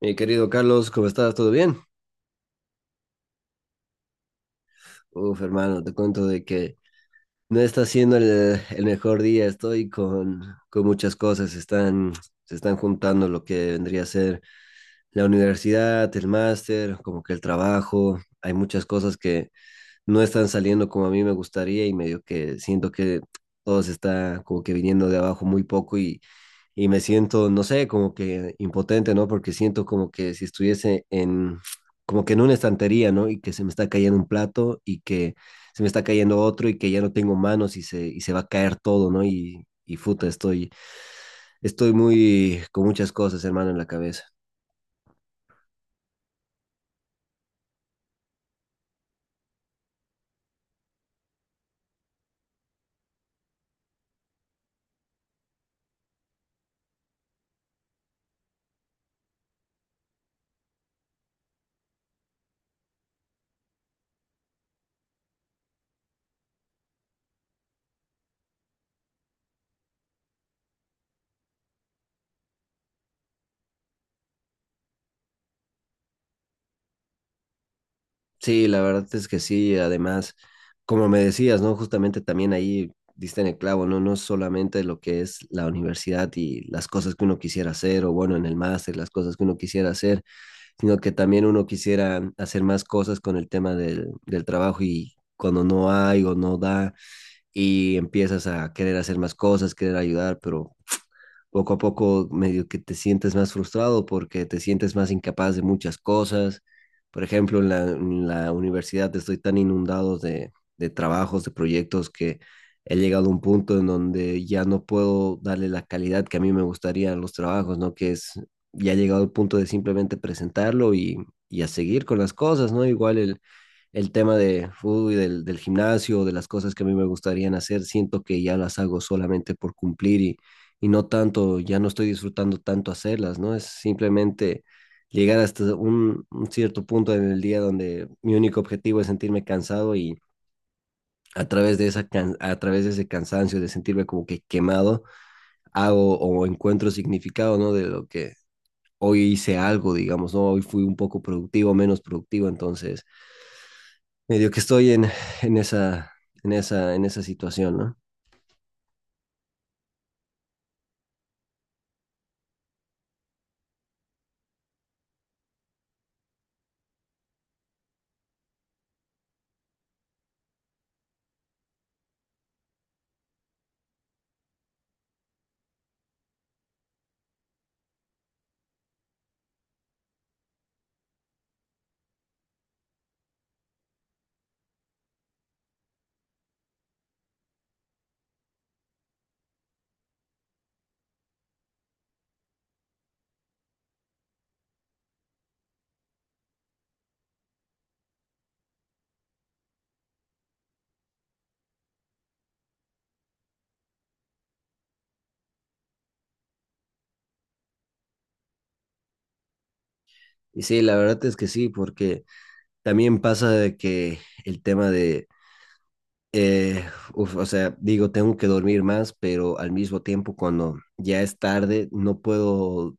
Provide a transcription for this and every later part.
Mi querido Carlos, ¿cómo estás? ¿Todo bien? Uf, hermano, te cuento de que no está siendo el mejor día. Estoy con muchas cosas. Se están juntando lo que vendría a ser la universidad, el máster, como que el trabajo. Hay muchas cosas que no están saliendo como a mí me gustaría y medio que siento que todo se está como que viniendo de abajo muy poco y me siento, no sé, como que impotente, ¿no? Porque siento como que si estuviese como que en una estantería, ¿no? Y que se me está cayendo un plato y que se me está cayendo otro y que ya no tengo manos y se va a caer todo, ¿no? Y puta, estoy con muchas cosas, hermano, en la cabeza. Sí, la verdad es que sí, además, como me decías, ¿no? Justamente también ahí diste en el clavo, ¿no? No es solamente lo que es la universidad y las cosas que uno quisiera hacer, o bueno, en el máster, las cosas que uno quisiera hacer, sino que también uno quisiera hacer más cosas con el tema del trabajo y cuando no hay o no da y empiezas a querer hacer más cosas, querer ayudar, pero poco a poco medio que te sientes más frustrado porque te sientes más incapaz de muchas cosas. Por ejemplo, en la universidad estoy tan inundado de trabajos, de proyectos que he llegado a un punto en donde ya no puedo darle la calidad que a mí me gustaría a los trabajos, ¿no? Que ya he llegado al punto de simplemente presentarlo y a seguir con las cosas, ¿no? Igual el tema de fútbol y del gimnasio, de las cosas que a mí me gustarían hacer, siento que ya las hago solamente por cumplir y no tanto, ya no estoy disfrutando tanto hacerlas, ¿no? Es simplemente llegar hasta un cierto punto en el día donde mi único objetivo es sentirme cansado y a través de ese cansancio de sentirme como que quemado, hago o encuentro significado, ¿no? De lo que hoy hice algo, digamos, ¿no? Hoy fui un poco productivo, menos productivo, entonces medio que estoy en esa, en esa situación, ¿no? Y sí, la verdad es que sí, porque también pasa de que el tema de, eh, uf, o sea, digo, tengo que dormir más, pero al mismo tiempo cuando ya es tarde, no puedo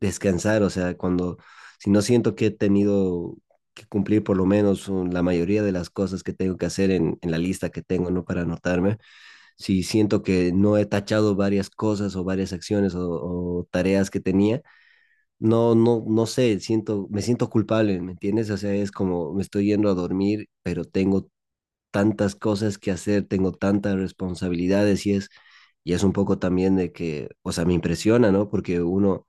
descansar, o sea, si no siento que he tenido que cumplir por lo menos la mayoría de las cosas que tengo que hacer en la lista que tengo, ¿no? Para anotarme si siento que no he tachado varias cosas o varias acciones o tareas que tenía, no sé, siento, me siento culpable, ¿me entiendes? O sea, es como me estoy yendo a dormir, pero tengo tantas cosas que hacer, tengo tantas responsabilidades y y es un poco también de que, o sea, me impresiona, ¿no? Porque uno,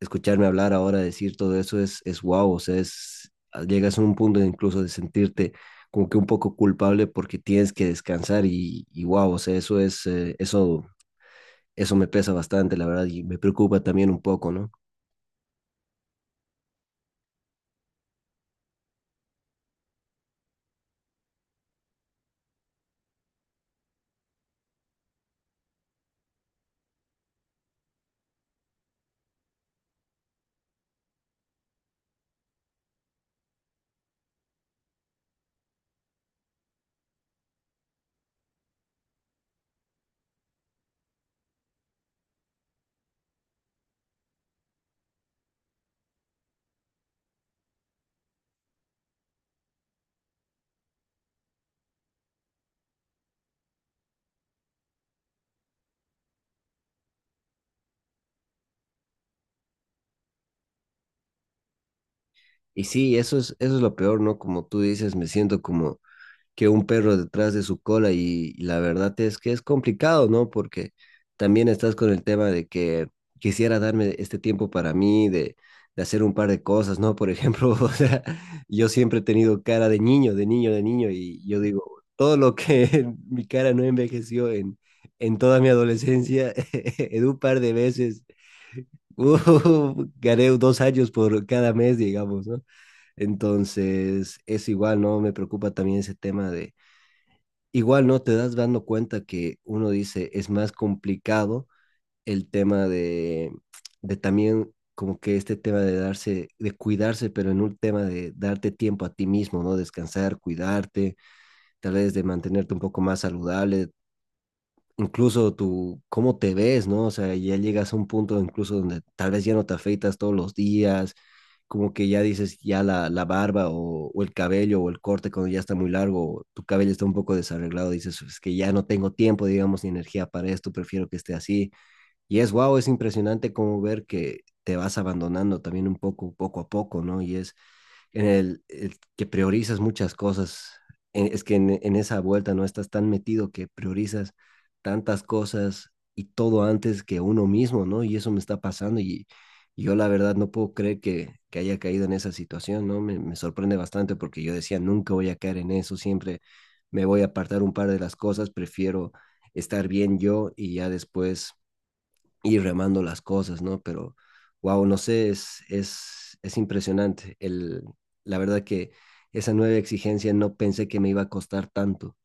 escucharme hablar ahora, decir todo eso es wow, o sea, llegas a un punto incluso de sentirte como que un poco culpable porque tienes que descansar y wow, o sea, eso es, eso eso me pesa bastante, la verdad, y me preocupa también un poco, ¿no? Y sí, eso es lo peor, ¿no? Como tú dices, me siento como que un perro detrás de su cola y la verdad es que es complicado, ¿no? Porque también estás con el tema de que quisiera darme este tiempo para mí, de hacer un par de cosas, ¿no? Por ejemplo, o sea, yo siempre he tenido cara de niño, y yo digo, todo lo que mi cara no envejeció en toda mi adolescencia, en un par de veces Uh, gané 2 años por cada mes, digamos, ¿no? Entonces, es igual, ¿no? Me preocupa también ese tema de, igual, ¿no? Te das dando cuenta que uno dice, es más complicado el tema de también como que este tema de darse, de cuidarse, pero en un tema de darte tiempo a ti mismo, ¿no? Descansar, cuidarte, tal vez de mantenerte un poco más saludable, incluso tu, cómo te ves, ¿no? O sea, ya llegas a un punto incluso donde tal vez ya no te afeitas todos los días, como que ya dices, ya la barba o el cabello o el corte cuando ya está muy largo, o tu cabello está un poco desarreglado, dices, es que ya no tengo tiempo, digamos, ni energía para esto, prefiero que esté así. Y es wow, es impresionante como ver que te vas abandonando también un poco, poco a poco, ¿no? En el que priorizas muchas cosas. Es que en esa vuelta no estás tan metido que priorizas tantas cosas y todo antes que uno mismo, ¿no? Y eso me está pasando y yo la verdad no puedo creer que haya caído en esa situación, ¿no? Me sorprende bastante porque yo decía, nunca voy a caer en eso, siempre me voy a apartar un par de las cosas, prefiero estar bien yo y ya después ir remando las cosas, ¿no? Pero, wow, no sé, es impresionante. La verdad que esa nueva exigencia no pensé que me iba a costar tanto.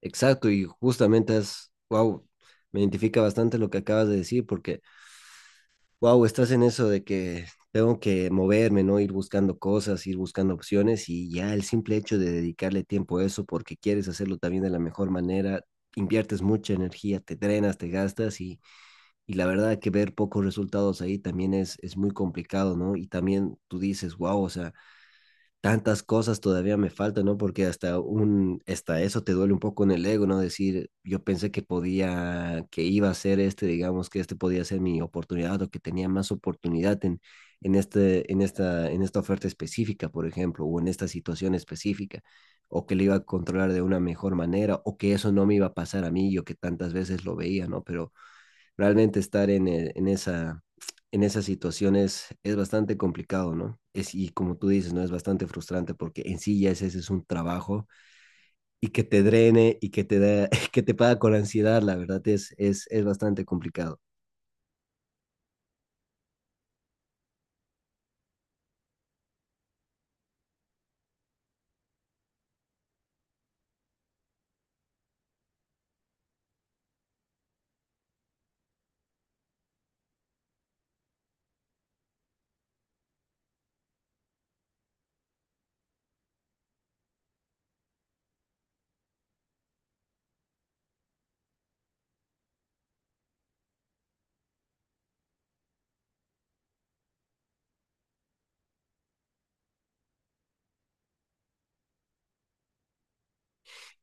Exacto, y justamente es, wow, me identifica bastante lo que acabas de decir, porque, wow, estás en eso de que tengo que moverme, ¿no? Ir buscando cosas, ir buscando opciones y ya el simple hecho de dedicarle tiempo a eso porque quieres hacerlo también de la mejor manera, inviertes mucha energía, te drenas, te gastas y la verdad que ver pocos resultados ahí también es muy complicado, ¿no? Y también tú dices, wow, o sea, tantas cosas todavía me faltan, ¿no? Porque hasta eso te duele un poco en el ego, ¿no? Decir, yo pensé que podía, que iba a ser este, digamos, que este podía ser mi oportunidad o que tenía más oportunidad en, en esta oferta específica, por ejemplo, o en esta situación específica, o que le iba a controlar de una mejor manera, o que eso no me iba a pasar a mí, yo que tantas veces lo veía, ¿no? Pero realmente estar en, en esas situaciones es bastante complicado, ¿no? Y como tú dices, ¿no? Es bastante frustrante porque en sí ya ese es un trabajo y que te drene y que que te paga con ansiedad, la verdad es bastante complicado.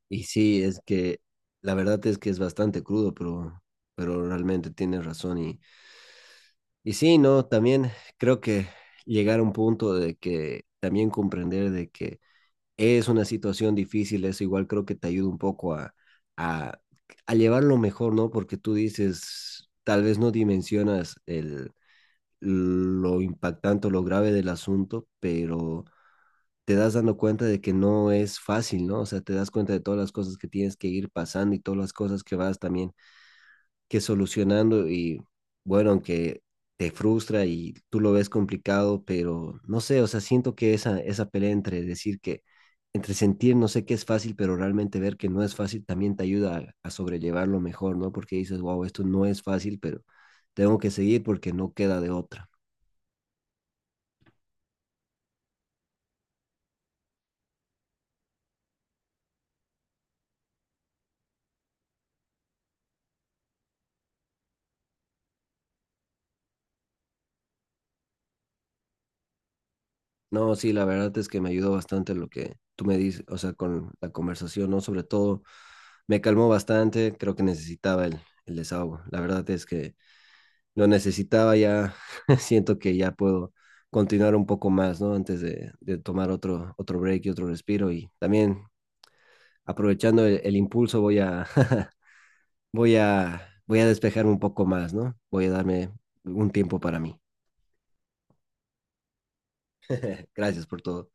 Y sí, es que la verdad es que es bastante crudo, pero realmente tienes razón. Y sí, ¿no? También creo que llegar a un punto de que también comprender de que es una situación difícil, eso igual creo que te ayuda un poco a, a llevarlo mejor, ¿no? Porque tú dices, tal vez no dimensionas lo impactante o lo grave del asunto, pero te das dando cuenta de que no es fácil, ¿no? O sea, te das cuenta de todas las cosas que tienes que ir pasando y todas las cosas que vas también que solucionando y bueno, aunque te frustra y tú lo ves complicado, pero no sé, o sea, siento que esa pelea entre decir entre sentir, no sé qué es fácil, pero realmente ver que no es fácil también te ayuda a sobrellevarlo mejor, ¿no? Porque dices, wow, esto no es fácil, pero tengo que seguir porque no queda de otra. No, sí, la verdad es que me ayudó bastante lo que tú me dices, o sea, con la conversación, ¿no? Sobre todo, me calmó bastante, creo que necesitaba el desahogo. La verdad es que lo necesitaba ya, siento que ya puedo continuar un poco más, ¿no? Antes de tomar otro break y otro respiro y también aprovechando el impulso voy voy a despejarme un poco más, ¿no? Voy a darme un tiempo para mí. Gracias por todo.